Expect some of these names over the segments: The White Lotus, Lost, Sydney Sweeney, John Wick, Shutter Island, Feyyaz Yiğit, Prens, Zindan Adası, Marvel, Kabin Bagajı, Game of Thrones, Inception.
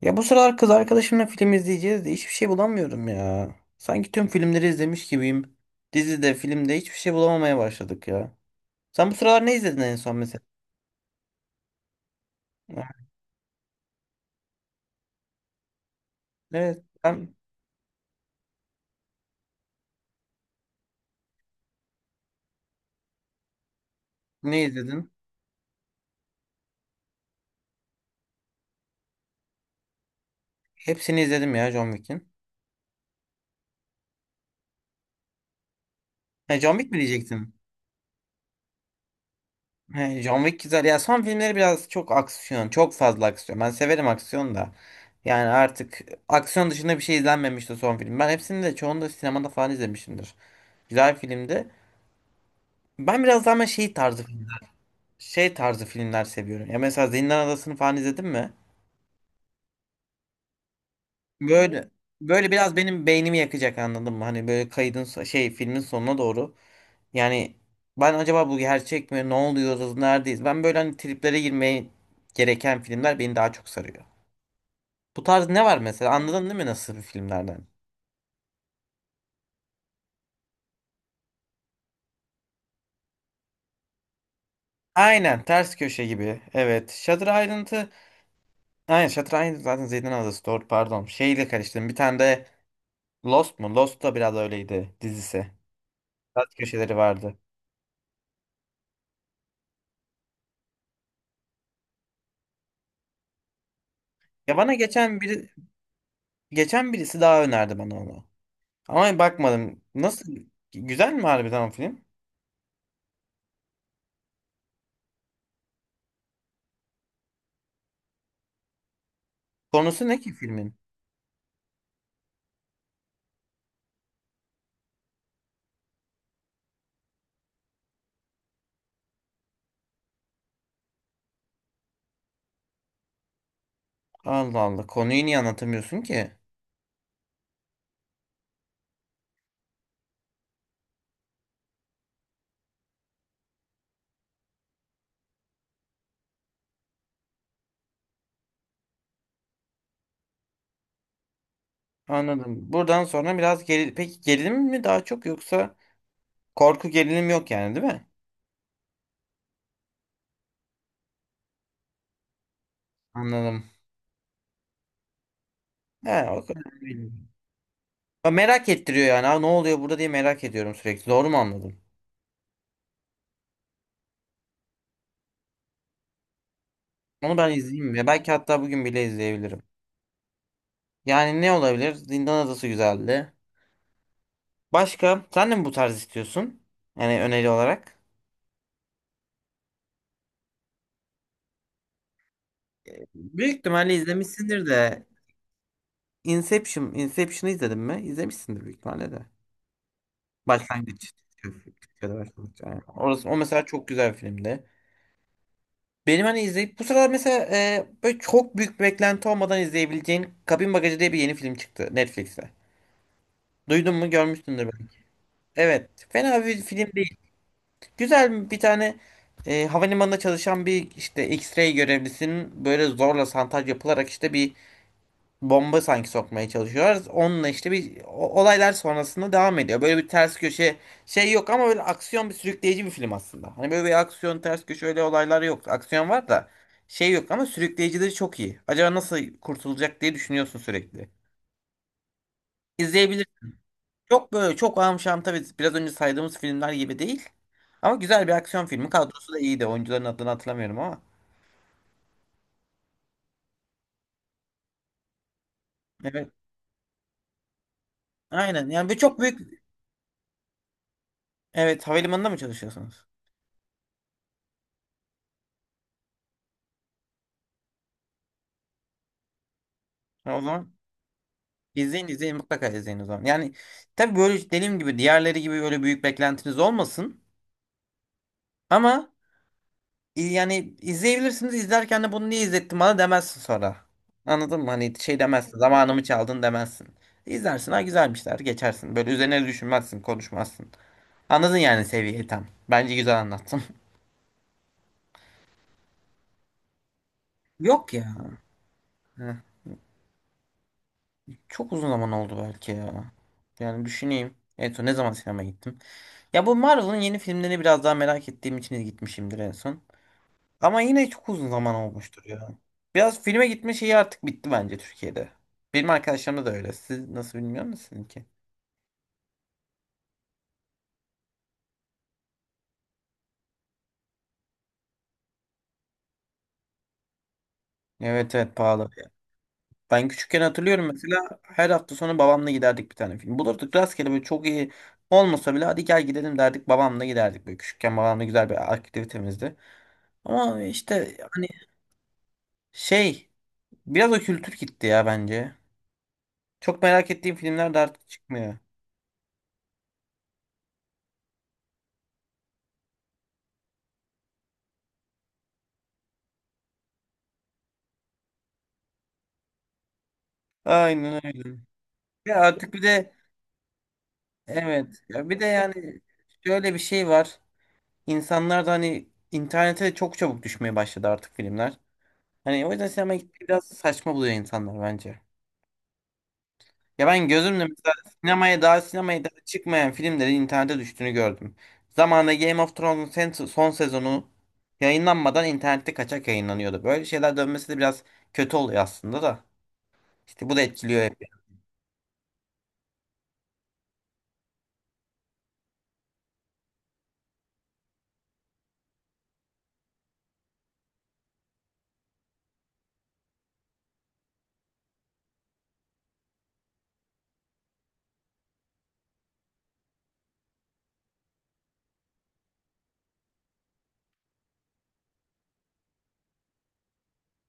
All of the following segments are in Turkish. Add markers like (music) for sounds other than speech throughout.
Ya bu sıralar kız arkadaşımla film izleyeceğiz de hiçbir şey bulamıyorum ya. Sanki tüm filmleri izlemiş gibiyim. Dizide, filmde hiçbir şey bulamamaya başladık ya. Sen bu sıralar ne izledin en son mesela? (laughs) Ha, evet, ben ne izledim? Hepsini izledim ya John Wick'in. He, John Wick mi diyecektin? He, John Wick güzel. Ya son filmleri biraz çok aksiyon, çok fazla aksiyon. Ben severim aksiyon da. Yani artık aksiyon dışında bir şey izlenmemişti son film. Ben hepsini de çoğunu da sinemada falan izlemişimdir. Güzel filmdi. Ben biraz daha ama şey tarzı, şey tarzı filmler seviyorum. Ya mesela Zindan Adası'nı falan izledin mi? Böyle böyle biraz benim beynimi yakacak, anladın mı? Hani böyle kaydın şey filmin sonuna doğru. Yani ben acaba bu gerçek mi? Ne oluyoruz? Neredeyiz? Ben böyle hani triplere girmeye gereken filmler beni daha çok sarıyor. Bu tarz ne var mesela? Anladın değil mi nasıl bir filmlerden? Aynen ters köşe gibi. Evet. Shutter Island'ı aynen, Shutter Island zaten Zindan Adası, doğru, pardon. Şeyle karıştırdım. Bir tane de Lost mu? Lost da biraz öyleydi dizisi. Ters köşeleri vardı. Ya bana geçen birisi daha önerdi bana onu. Ama bakmadım. Nasıl? Güzel mi harbiden o film? Konusu ne ki filmin? Allah Allah. Konuyu niye anlatamıyorsun ki? Anladım. Buradan sonra biraz geri... Peki gerilim mi daha çok, yoksa korku gerilim yok yani değil mi? Anladım. He, o kadar değil. Ya merak ettiriyor yani. Aa, ne oluyor burada diye merak ediyorum sürekli. Doğru mu anladım? Onu ben izleyeyim mi? Belki hatta bugün bile izleyebilirim. Yani ne olabilir? Zindan Adası güzeldi. Başka sen de mi bu tarz istiyorsun? Yani öneri olarak. Büyük ihtimalle izlemişsindir de Inception, Inception'ı izledin mi? İzlemişsindir büyük ihtimalle de. Başlangıç. Türkçe'de başlangıç. Aynen. Orası, o mesela çok güzel bir filmdi. Benim hani izleyip bu sıralar mesela böyle çok büyük beklenti olmadan izleyebileceğin Kabin Bagajı diye bir yeni film çıktı Netflix'te. Duydun mu? Görmüşsündür belki. Evet. Fena bir film değil. Güzel bir tane, havalimanında çalışan bir işte X-ray görevlisinin böyle zorla santaj yapılarak işte bir bomba sanki sokmaya çalışıyorlar. Onunla işte bir olaylar sonrasında devam ediyor. Böyle bir ters köşe şey yok ama böyle aksiyon bir sürükleyici bir film aslında. Hani böyle bir aksiyon ters köşe öyle olaylar yok. Aksiyon var da şey yok ama sürükleyicileri çok iyi. Acaba nasıl kurtulacak diye düşünüyorsun sürekli. İzleyebilirsin. Çok böyle çok amşam tabii biraz önce saydığımız filmler gibi değil. Ama güzel bir aksiyon filmi. Kadrosu da iyiydi. Oyuncuların adını hatırlamıyorum ama. Evet. Aynen. Yani bir çok büyük. Evet. Havalimanında mı çalışıyorsunuz? Ha, o zaman izleyin mutlaka izleyin o zaman. Yani tabii böyle dediğim gibi diğerleri gibi öyle büyük beklentiniz olmasın. Ama yani izleyebilirsiniz. İzlerken de bunu niye izlettin bana demezsin sonra. Anladın mı? Hani şey demezsin. Zamanımı çaldın demezsin. İzlersin. Ha güzelmişler. Geçersin. Böyle üzerine düşünmezsin. Konuşmazsın. Anladın yani seviyeyi tam. Bence güzel anlattım. (laughs) Yok ya. Heh. Çok uzun zaman oldu belki ya. Yani düşüneyim. En son ne zaman sinemaya gittim? Ya bu Marvel'ın yeni filmlerini biraz daha merak ettiğim için gitmişimdir en son. Ama yine çok uzun zaman olmuştur ya. Biraz filme gitme şeyi artık bitti bence Türkiye'de. Benim arkadaşlarımda da öyle. Siz nasıl bilmiyor musunuz ki? Evet evet pahalı. Ben küçükken hatırlıyorum mesela her hafta sonu babamla giderdik bir tane film. Bulurduk rastgele böyle çok iyi olmasa bile hadi gel gidelim derdik, babamla giderdik. Böyle küçükken babamla güzel bir aktivitemizdi. Ama işte hani şey, biraz o kültür gitti ya bence. Çok merak ettiğim filmler de artık çıkmıyor. Aynen öyle. Ya artık bir de evet ya bir de yani şöyle bir şey var. İnsanlar da hani internete de çok çabuk düşmeye başladı artık filmler. Hani o yüzden sinemaya gitmeyi biraz saçma buluyor insanlar bence. Ya ben gözümle mesela sinemaya daha çıkmayan filmlerin internete düştüğünü gördüm. Zamanında Game of Thrones'un son sezonu yayınlanmadan internette kaçak yayınlanıyordu. Böyle şeyler dönmesi de biraz kötü oluyor aslında da. İşte bu da etkiliyor hep.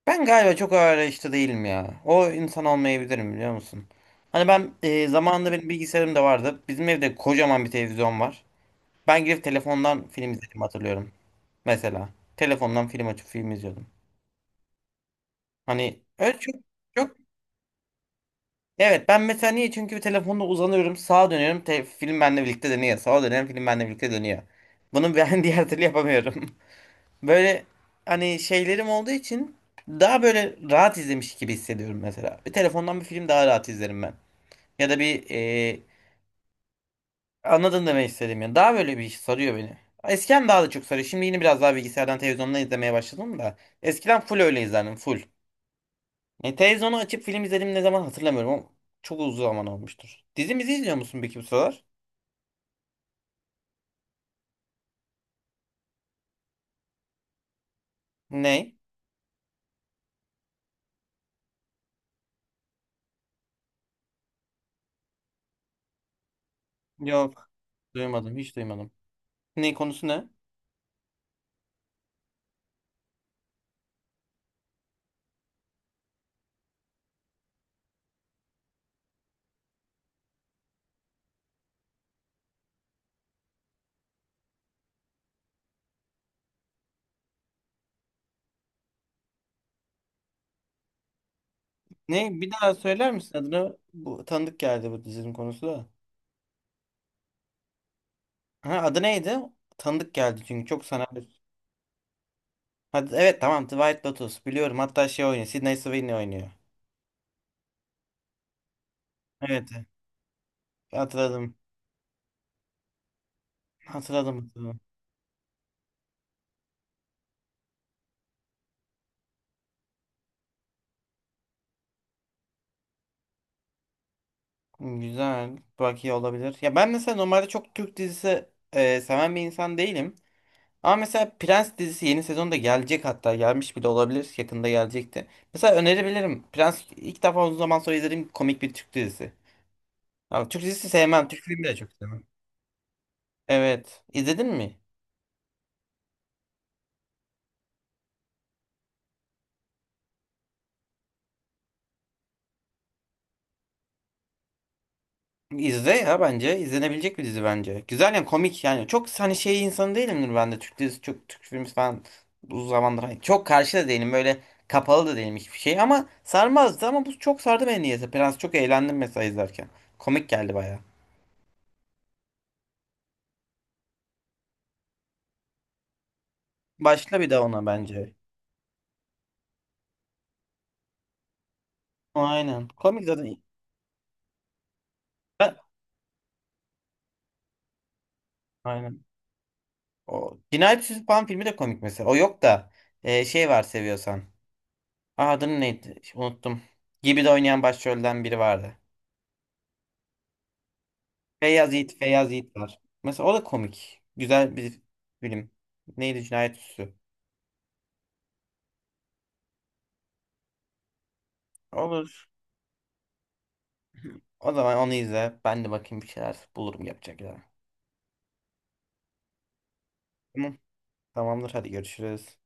Ben galiba çok ağır arayışta değilim ya. O insan olmayabilirim biliyor musun? Hani ben zamanında benim bilgisayarım da vardı. Bizim evde kocaman bir televizyon var. Ben girip telefondan film izledim hatırlıyorum. Mesela telefondan film açıp film izliyordum. Hani öyle çok, evet ben mesela niye? Çünkü bir telefonda uzanıyorum sağa dönüyorum film benimle birlikte dönüyor. Sağa dönüyorum film benimle birlikte dönüyor. Bunu ben (laughs) diğer türlü yapamıyorum. Böyle hani şeylerim olduğu için daha böyle rahat izlemiş gibi hissediyorum mesela. Bir telefondan bir film daha rahat izlerim ben. Ya da bir anladın demek istedim yani. Daha böyle bir iş sarıyor beni. Eskiden daha da çok sarıyor. Şimdi yine biraz daha bilgisayardan televizyondan izlemeye başladım da. Eskiden full öyle izlerdim full. E, televizyonu açıp film izledim ne zaman hatırlamıyorum ama çok uzun zaman olmuştur. Dizimizi izliyor musun peki bu sıralar? Ne? Yok. Duymadım. Hiç duymadım. Ne konusu ne? Ne? Bir daha söyler misin adını? Bu tanıdık geldi bu dizinin konusu da. Ha, adı neydi? Tanıdık geldi çünkü çok sana. Hadi, evet tamam The White Lotus biliyorum, hatta şey oynuyor, Sydney Sweeney oynuyor. Evet hatırladım. Hatırladım. Güzel. Belki olabilir. Ya ben mesela normalde çok Türk dizisi seven bir insan değilim. Ama mesela Prens dizisi yeni sezonda gelecek, hatta gelmiş bile olabilir. Yakında gelecekti. Mesela önerebilirim. Prens ilk defa uzun zaman sonra izlediğim komik bir Türk dizisi. Ama Türk dizisi sevmem. Türk filmi de çok sevmem. Evet. İzledin mi? İzle ya bence. İzlenebilecek bir dizi bence. Güzel yani, komik yani. Çok hani şey insanı değilimdir ben de. Türk dizisi çok Türk filmi falan uzun zamandır, hani çok karşı da değilim. Böyle kapalı da değilim hiçbir şey. Ama sarmazdı ama bu çok sardı beni niyeyse. Prens çok eğlendim mesela izlerken. Komik geldi baya. Başla bir daha ona bence. Aynen. Komik zaten. Ben- Aynen. O Cinayet Süsü Pan filmi de komik mesela. O yok da şey var seviyorsan. Aa, adını neydi? Unuttum. Gibi de oynayan başrolden biri vardı. Feyyaz Yiğit, Feyyaz Yiğit var. Mesela o da komik. Güzel bir film. Neydi Cinayet Süsü? Olur. O zaman onu izle. Ben de bakayım bir şeyler bulurum yapacak ya. Tamam. Tamamdır. Hadi görüşürüz.